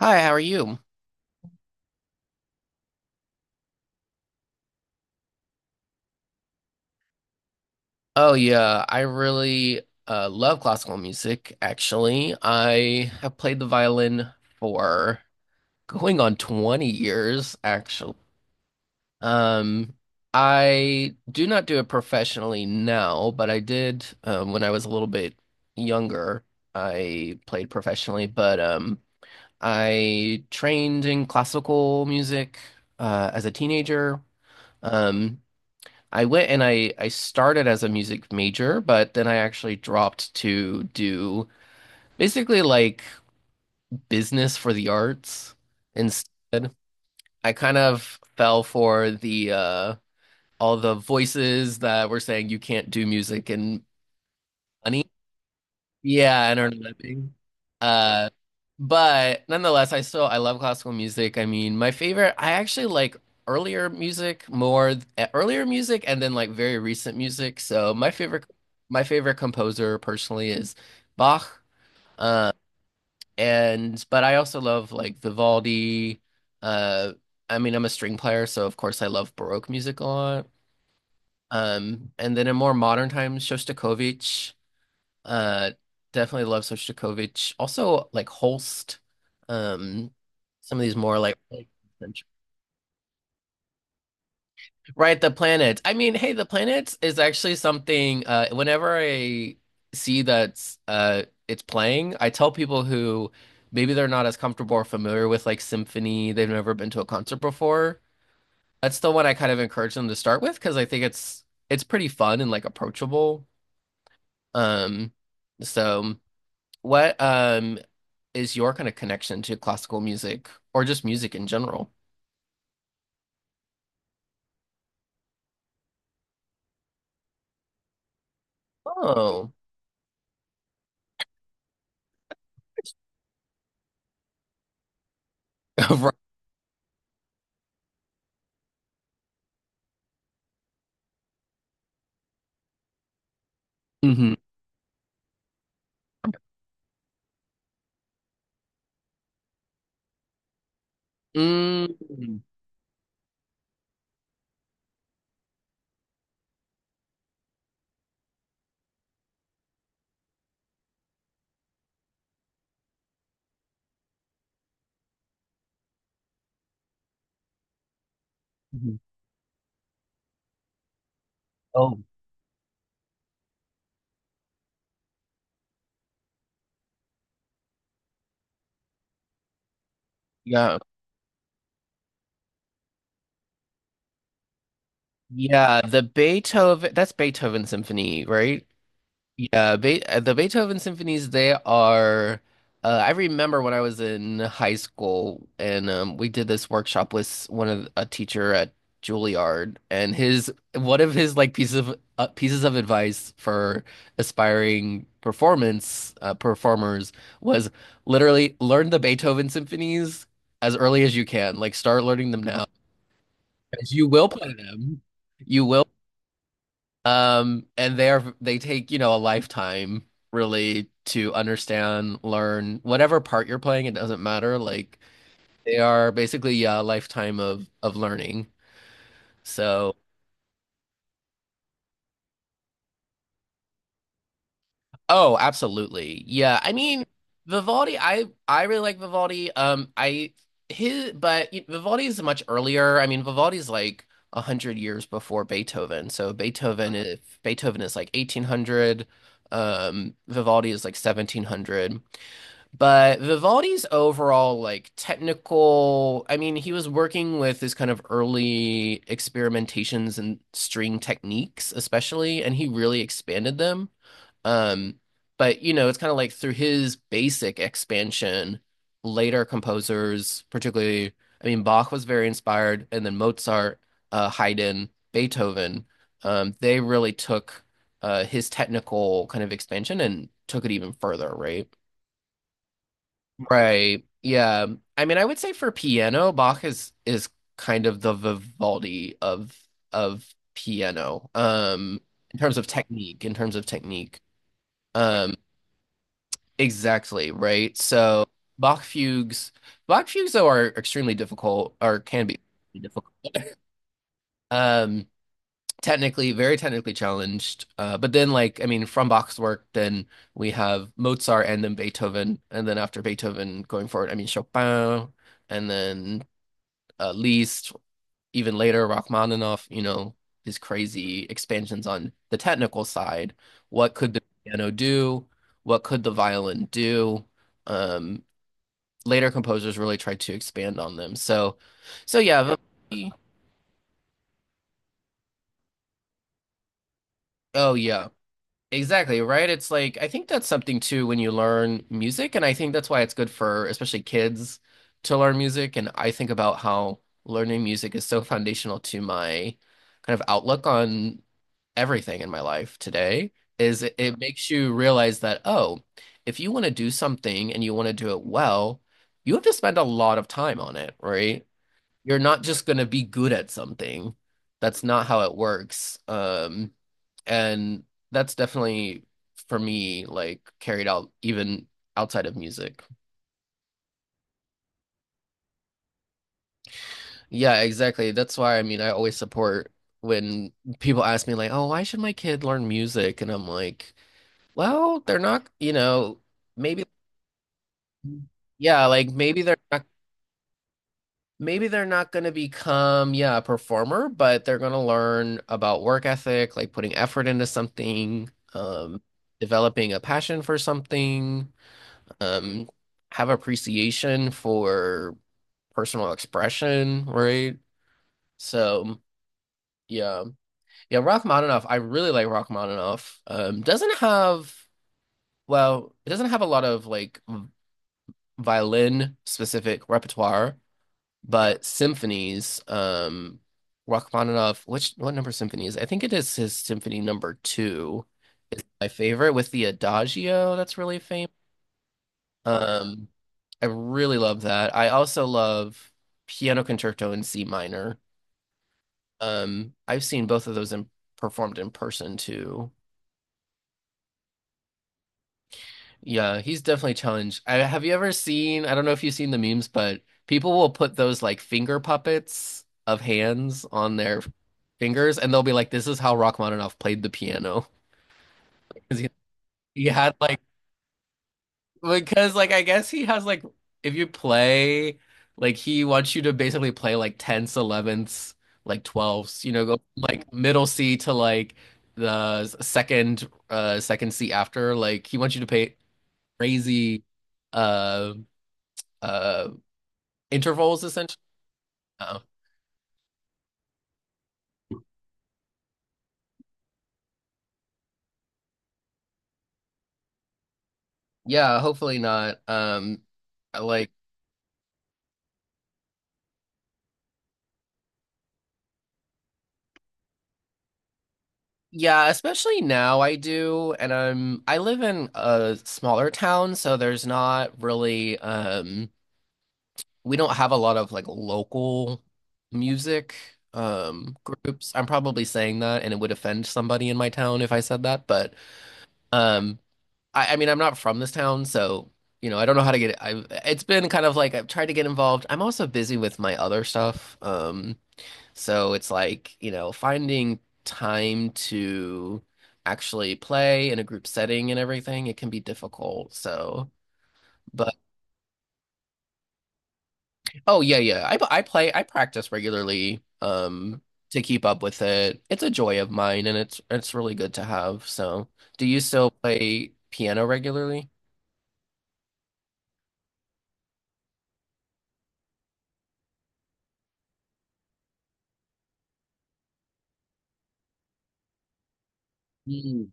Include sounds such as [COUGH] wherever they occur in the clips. Hi, how are you? Oh yeah, I really love classical music, actually. I have played the violin for going on 20 years, actually. Um, I do not do it professionally now, but I did when I was a little bit younger. I played professionally, but I trained in classical music as a teenager. Um, I went and I started as a music major, but then I actually dropped to do basically like business for the arts instead. I kind of fell for the all the voices that were saying you can't do music and money. Yeah, and don't know. Uh, but nonetheless, I still I love classical music. I mean, my favorite, I actually like earlier music more, earlier music, and then like very recent music. So my favorite composer personally is Bach. Uh, and but I also love like Vivaldi. Uh, I mean, I'm a string player, so of course I love Baroque music a lot. And then in more modern times, Shostakovich. Uh, Definitely love Sostakovich. Also, like Holst. Um, some of these more like right, the planets. I mean, hey, the planets is actually something. Whenever I see that's it's playing, I tell people who maybe they're not as comfortable or familiar with like symphony, they've never been to a concert before. That's the one I kind of encourage them to start with because I think it's pretty fun and like approachable. Um, so. What Is your kind of connection to classical music or just music in general? Oh, [LAUGHS] right. Hmm. Mm. Mhm. Oh, yeah. Yeah, the Beethoven, that's Beethoven Symphony, right? Yeah, Be the Beethoven symphonies, they are I remember when I was in high school and we did this workshop with one of a teacher at Juilliard and his one of his like pieces of advice for aspiring performance performers was literally learn the Beethoven symphonies as early as you can. Like start learning them now, now 'cause you will play them. You will and they take, you know, a lifetime really to understand, learn whatever part you're playing, it doesn't matter. Like they are basically yeah, a lifetime of learning. So, oh, absolutely. Yeah. I mean, Vivaldi, I really like Vivaldi. I his but Vivaldi is much earlier. I mean, Vivaldi's like a hundred years before Beethoven. So Beethoven is like 1800. Vivaldi is like 1700. But Vivaldi's overall, like technical, I mean, he was working with his kind of early experimentations and string techniques, especially, and he really expanded them. Um, but you know, it's kind of like through his basic expansion, later composers, particularly, I mean, Bach was very inspired, and then Mozart, Haydn, Beethoven, they really took his technical kind of expansion and took it even further, right? Right. Yeah. I mean, I would say for piano, Bach is kind of the Vivaldi of piano. In terms of technique, in terms of technique. Um, exactly, right? So Bach fugues, Bach fugues though are extremely difficult or can be difficult. Um, Technically, very technically challenged. But then like, I mean, from Bach's work, then we have Mozart and then Beethoven, and then after Beethoven going forward, I mean Chopin and then at least even later Rachmaninoff, you know, his crazy expansions on the technical side. What could the piano do? What could the violin do? Um, Later composers really tried to expand on them. So, so yeah. Vivaldi- Oh yeah, exactly, right? It's like I think that's something too when you learn music, and I think that's why it's good for especially kids to learn music. And I think about how learning music is so foundational to my kind of outlook on everything in my life today is it makes you realize that, oh, if you want to do something and you want to do it well, you have to spend a lot of time on it, right? You're not just going to be good at something. That's not how it works. And that's definitely for me, like carried out even outside of music. Yeah, exactly. That's why I mean, I always support when people ask me like, "Oh, why should my kid learn music?" And I'm like, well, they're not, you know, maybe yeah, like maybe they're not going to become yeah, a performer, but they're going to learn about work ethic, like putting effort into something, developing a passion for something, um, have appreciation for personal expression, right? So, yeah. Yeah, Rachmaninoff, I really like Rachmaninoff. Doesn't have well, it doesn't have a lot of like violin specific repertoire, but symphonies, Rachmaninoff, which what number symphony is it? I think it is his symphony number two is my favorite with the Adagio that's really famous. Um, I really love that. I also love Piano Concerto in C minor. I've seen both of those in, performed in person too. Yeah, he's definitely challenged. I, have you ever seen, I don't know if you've seen the memes, but people will put those like finger puppets of hands on their fingers and they'll be like, this is how Rachmaninoff played the piano. [LAUGHS] 'Cause he had like, because like, I guess he has like, if you play, like he wants you to basically play like tenths, elevenths, like twelfths, you know, go from, like middle C to like the second C after. Like he wants you to play crazy. uh, uh Intervals essentially. Oh. Yeah, hopefully not. I like Yeah, especially now I do and I'm I live in a smaller town so there's not really we don't have a lot of like local music groups. I'm probably saying that and it would offend somebody in my town if I said that, but um I mean I'm not from this town so you know, I don't know how to get it. I've, it's been kind of like I've tried to get involved. I'm also busy with my other stuff. So it's like, you know, finding time to actually play in a group setting and everything, it can be difficult. So, but oh yeah, yeah. I practice regularly to keep up with it. It's a joy of mine and it's really good to have. So, do you still play piano regularly? Mm.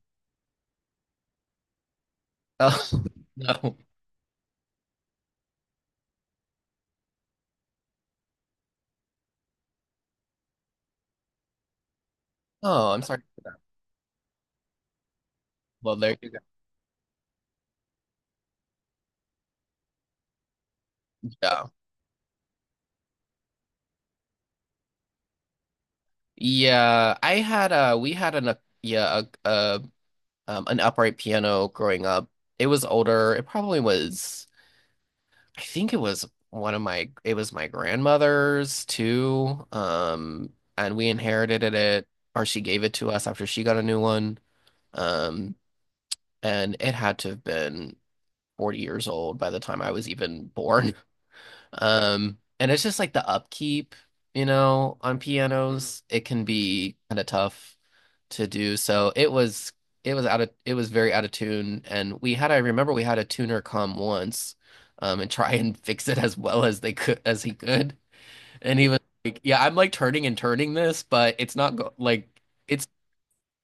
Oh, [LAUGHS] no. Oh, I'm sorry. Well, there you go. Yeah. Yeah, I had a we had an a yeah, a, an upright piano growing up. It was older. It probably was, I think it was it was my grandmother's too. And we inherited it, or she gave it to us after she got a new one. Um, and it had to have been 40 years old by the time I was even born. And it's just like the upkeep, you know, on Mhm. pianos, it can be kind of tough to do. So it was out of it was very out of tune, and we had I remember we had a tuner come once, and try [LAUGHS] and fix it as well as they could as he could, and he was like, "Yeah, I'm like turning and turning this, but it's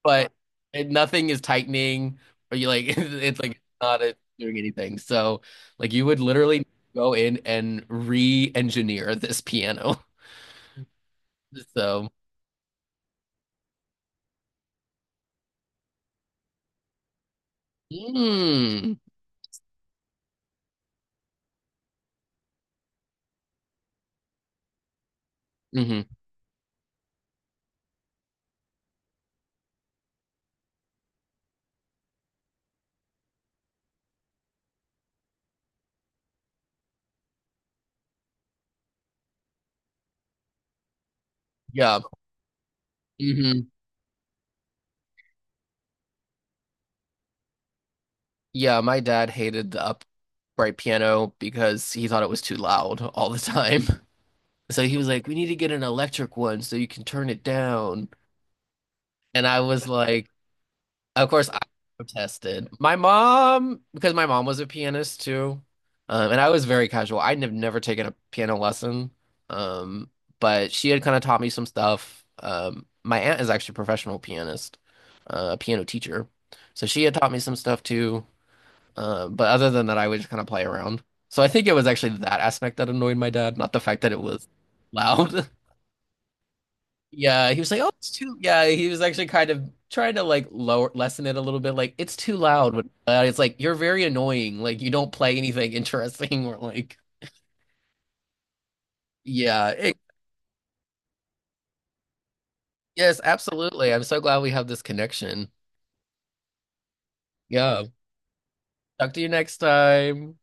but it, nothing is tightening, or you like [LAUGHS] it's like not doing anything." So like you would literally go in and re-engineer this piano. [LAUGHS] So. Mm. Hmm. Mm-hmm. Yeah. Mm-hmm. Yeah, my dad hated the upright piano because he thought it was too loud all the time. [LAUGHS] So he was like, "We need to get an electric one so you can turn it down." And I was like, of course I protested. My mom, because my mom was a pianist too, and I was very casual. I'd have never taken a piano lesson, um, but she had kind of taught me some stuff. My aunt is actually a professional pianist, a piano teacher, so she had taught me some stuff too. But other than that, I would just kind of play around. So I think it was actually that aspect that annoyed my dad, not the fact that it was loud. [LAUGHS] Yeah, he was like, "Oh, it's too." Yeah, he was actually kind of trying to like lower lessen it a little bit. Like it's too loud. But it's like you're very annoying. Like you don't play anything interesting [LAUGHS] or like yeah. It, yes, absolutely. I'm so glad we have this connection. Yeah. Talk to you next time.